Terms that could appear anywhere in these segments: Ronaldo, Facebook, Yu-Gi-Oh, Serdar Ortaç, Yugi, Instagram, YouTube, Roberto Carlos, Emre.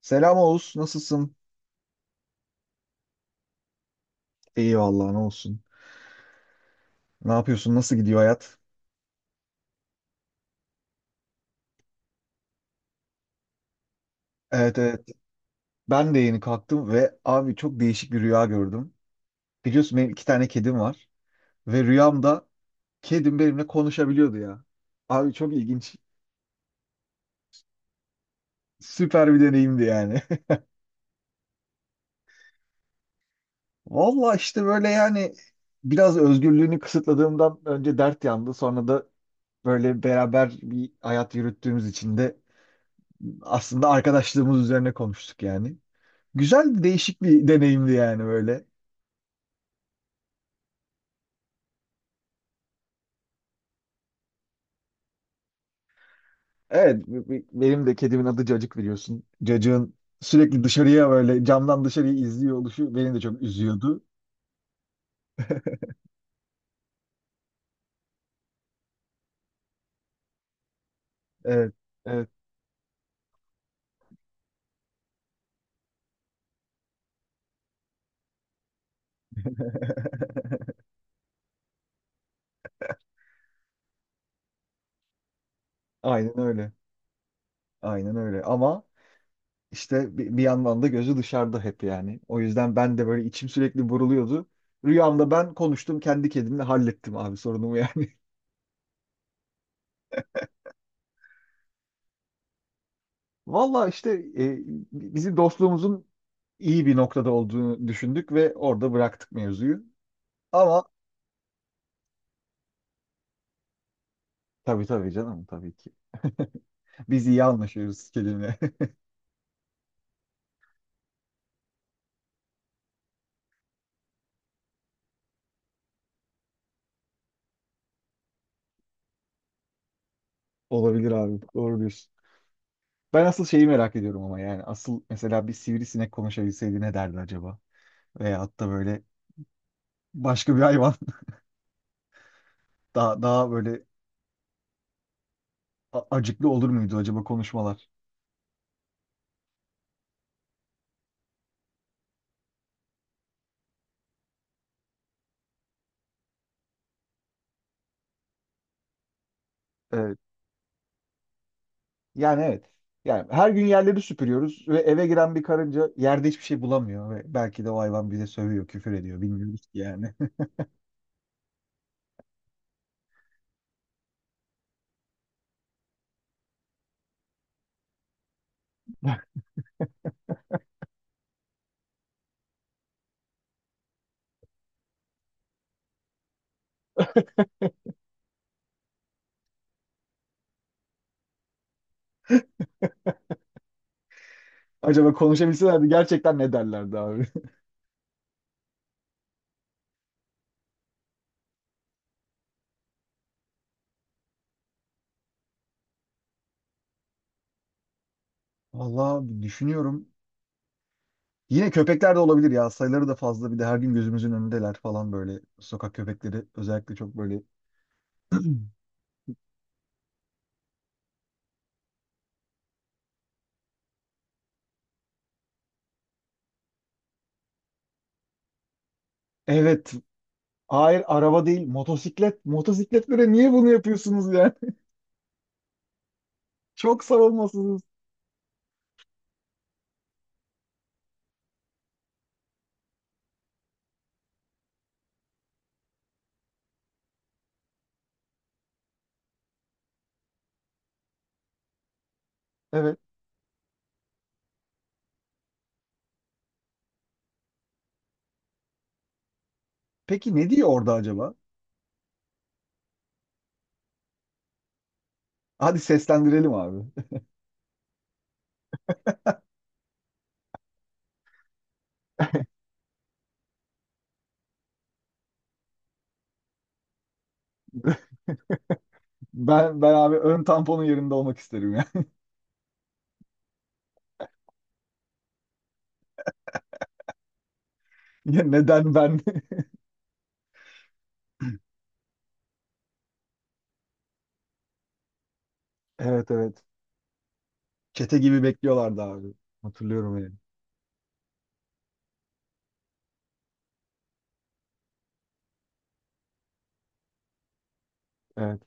Selam Oğuz, nasılsın? İyi vallahi ne olsun. Ne yapıyorsun? Nasıl gidiyor hayat? Evet, evet. Ben de yeni kalktım ve abi çok değişik bir rüya gördüm. Biliyorsun benim iki tane kedim var ve rüyamda kedim benimle konuşabiliyordu ya. Abi çok ilginç. Süper bir deneyimdi yani. Valla işte böyle yani biraz özgürlüğünü kısıtladığımdan önce dert yandı. Sonra da böyle beraber bir hayat yürüttüğümüz için de aslında arkadaşlığımız üzerine konuştuk yani. Güzel değişik bir deneyimdi yani böyle. Evet, benim de kedimin adı Cacık biliyorsun. Cacığın sürekli dışarıya böyle camdan dışarıyı izliyor oluşu beni de çok üzüyordu. Evet, evet, aynen öyle. Aynen öyle. Ama işte bir, yandan da gözü dışarıda hep yani. O yüzden ben de böyle içim sürekli buruluyordu. Rüyamda ben konuştum kendi kedimle hallettim abi sorunumu yani. Valla işte e, bizi dostluğumuzun iyi bir noktada olduğunu düşündük ve orada bıraktık mevzuyu. Ama tabii canım tabii ki. Biz iyi anlaşıyoruz kedimle. Olabilir abi. Doğru diyorsun. Ben asıl şeyi merak ediyorum ama yani asıl mesela bir sivrisinek konuşabilseydi ne derdi acaba? Veyahut da böyle başka bir hayvan daha böyle acıklı olur muydu acaba konuşmalar? Evet. Yani evet. Yani her gün yerleri süpürüyoruz ve eve giren bir karınca yerde hiçbir şey bulamıyor ve belki de o hayvan bize sövüyor, küfür ediyor. Bilmiyoruz ki yani. Acaba konuşabilselerdi gerçekten ne derlerdi abi? Vallahi düşünüyorum. Yine köpekler de olabilir ya. Sayıları da fazla. Bir de her gün gözümüzün önündeler falan böyle. Sokak köpekleri özellikle çok böyle. Evet. Hayır, araba değil. Motosiklet. Motosikletlere niye bunu yapıyorsunuz yani? Çok savunmasızız. Evet. Peki ne diyor orada acaba? Hadi seslendirelim abi. Ben abi ön tamponun yerinde olmak isterim ya. Ya neden ben? Evet, evet. Çete gibi bekliyorlardı abi. Hatırlıyorum yani. Evet.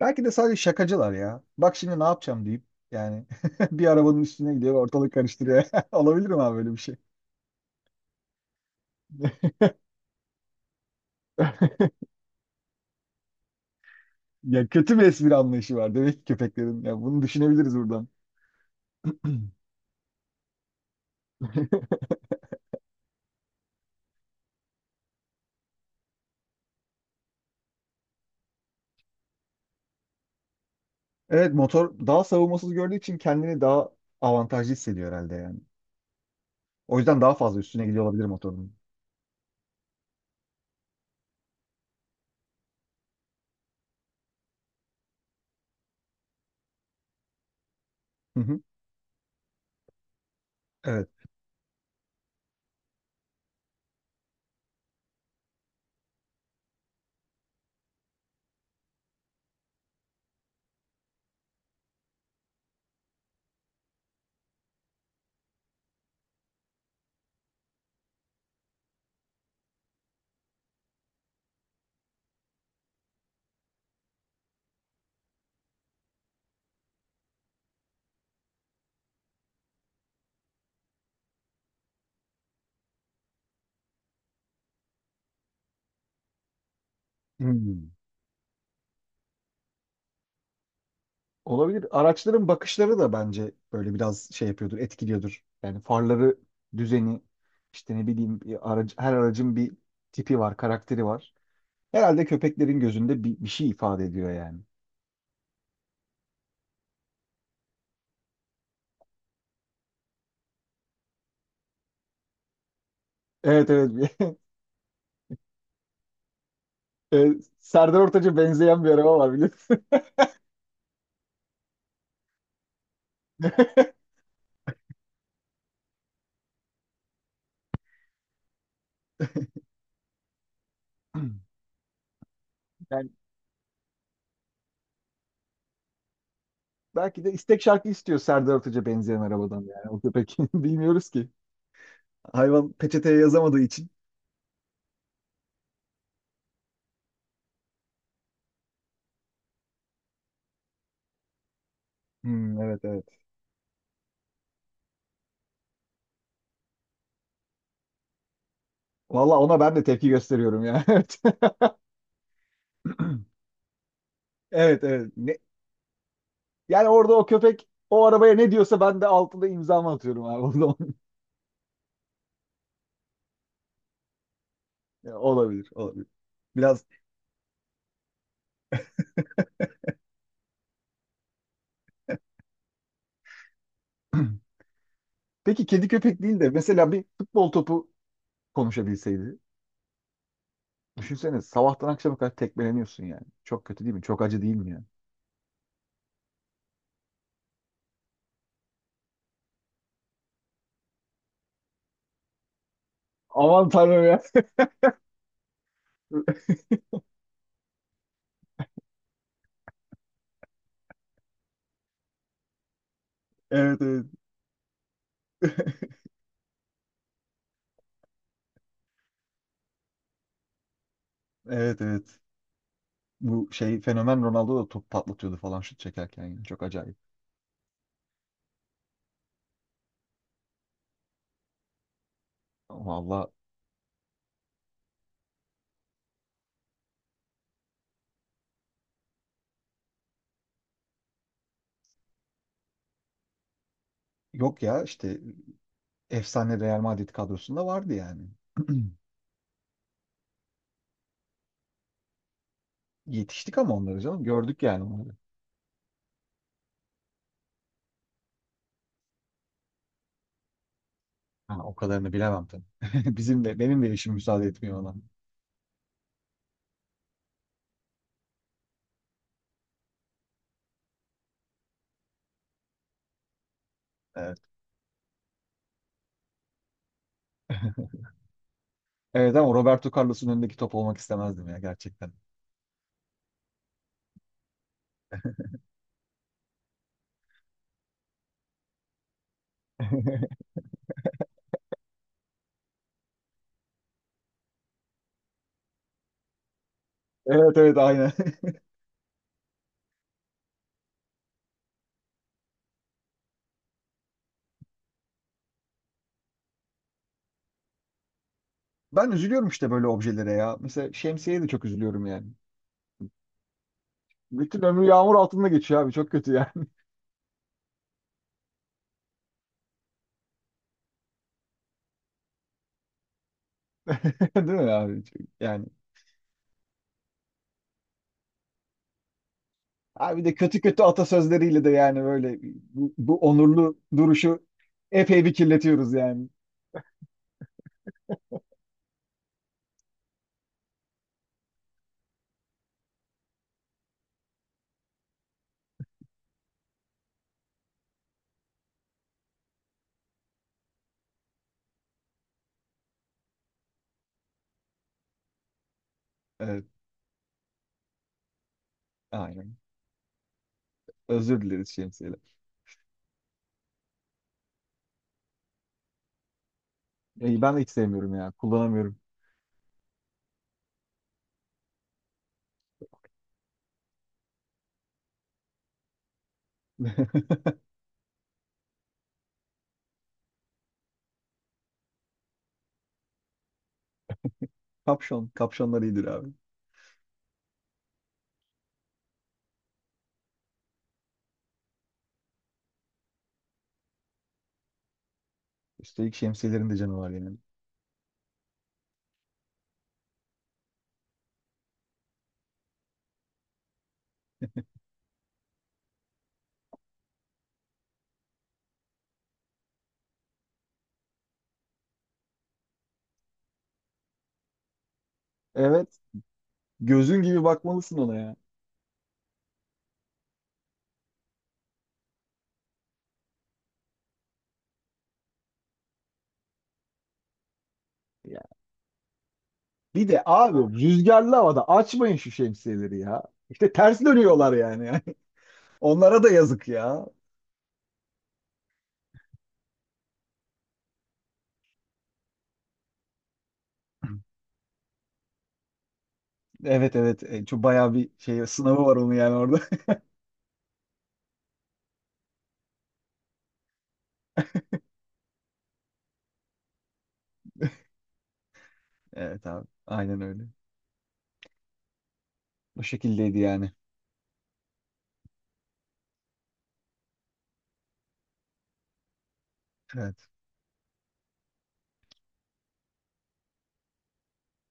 Belki de sadece şakacılar ya. Bak şimdi ne yapacağım deyip yani bir arabanın üstüne gidiyor ve ortalık karıştırıyor. Olabilir mi abi böyle bir şey? Ya kötü bir espri anlayışı var demek ki köpeklerin. Ya bunu düşünebiliriz buradan. Evet, motor daha savunmasız gördüğü için kendini daha avantajlı hissediyor herhalde yani. O yüzden daha fazla üstüne gidiyor olabilir motorun. Hı hı. Evet. Hmm. Olabilir. Araçların bakışları da bence böyle biraz şey yapıyordur, etkiliyordur. Yani farları, düzeni, işte ne bileyim bir aracı, her aracın bir tipi var, karakteri var. Herhalde köpeklerin gözünde bir şey ifade ediyor yani. Evet, evet. Evet, Serdar Ortaç'a benzeyen bir araba var biliyorsun. Yani belki de istek şarkı istiyor Serdar Ortaç'a benzeyen arabadan yani o köpek. Bilmiyoruz ki. Hayvan peçeteye yazamadığı için. Hmm, evet evet. Valla ona ben de tepki gösteriyorum ya. Evet evet. Evet. Ne- Yani orada o köpek o arabaya ne diyorsa ben de altında imzamı atıyorum abi o zaman. Ya, olabilir, olabilir. Biraz peki kedi köpek değil de mesela bir futbol topu konuşabilseydi. Düşünsene sabahtan akşama kadar tekmeleniyorsun yani. Çok kötü değil mi? Çok acı değil mi yani? Aman tanrım ya. Evet, evet. Evet, evet. Bu şey fenomen Ronaldo da top patlatıyordu falan şut çekerken yani. Çok acayip. Valla yok ya işte efsane Real Madrid kadrosunda vardı yani. Yetiştik ama onları canım. Gördük yani onları. Ha, o kadarını bilemem tabii. Bizim de benim de işim müsaade etmiyor ona. Evet. Evet ama Roberto Carlos'un önündeki top olmak istemezdim ya gerçekten. Evet evet aynen. Ben üzülüyorum işte böyle objelere ya. Mesela şemsiyeye de çok üzülüyorum yani. Bütün ömrü yağmur altında geçiyor abi. Çok kötü yani. Değil mi abi? Çok- Yani. Abi de kötü kötü atasözleriyle de yani böyle bu onurlu duruşu epey bir kirletiyoruz yani. Evet, aynen. Özür dileriz şemsiye. Ben de hiç sevmiyorum ya. Kullanamıyorum. Kapşon. Kapşonlar iyidir abi. Üstelik şemsiyelerin de canı var yani. Evet. Gözün gibi bakmalısın ona ya. Ya. Bir de abi rüzgarlı havada açmayın şu şemsiyeleri ya. İşte ters dönüyorlar yani. Onlara da yazık ya. Evet, evet. Çok bayağı bir şey sınavı var onun yani orada. Evet abi. Aynen öyle. Bu şekildeydi yani. Evet.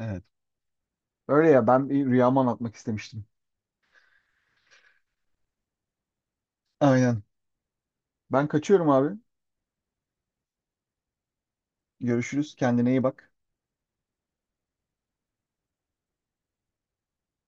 Evet. Öyle ya ben bir rüyamı anlatmak istemiştim. Aynen. Ben kaçıyorum abi. Görüşürüz. Kendine iyi bak.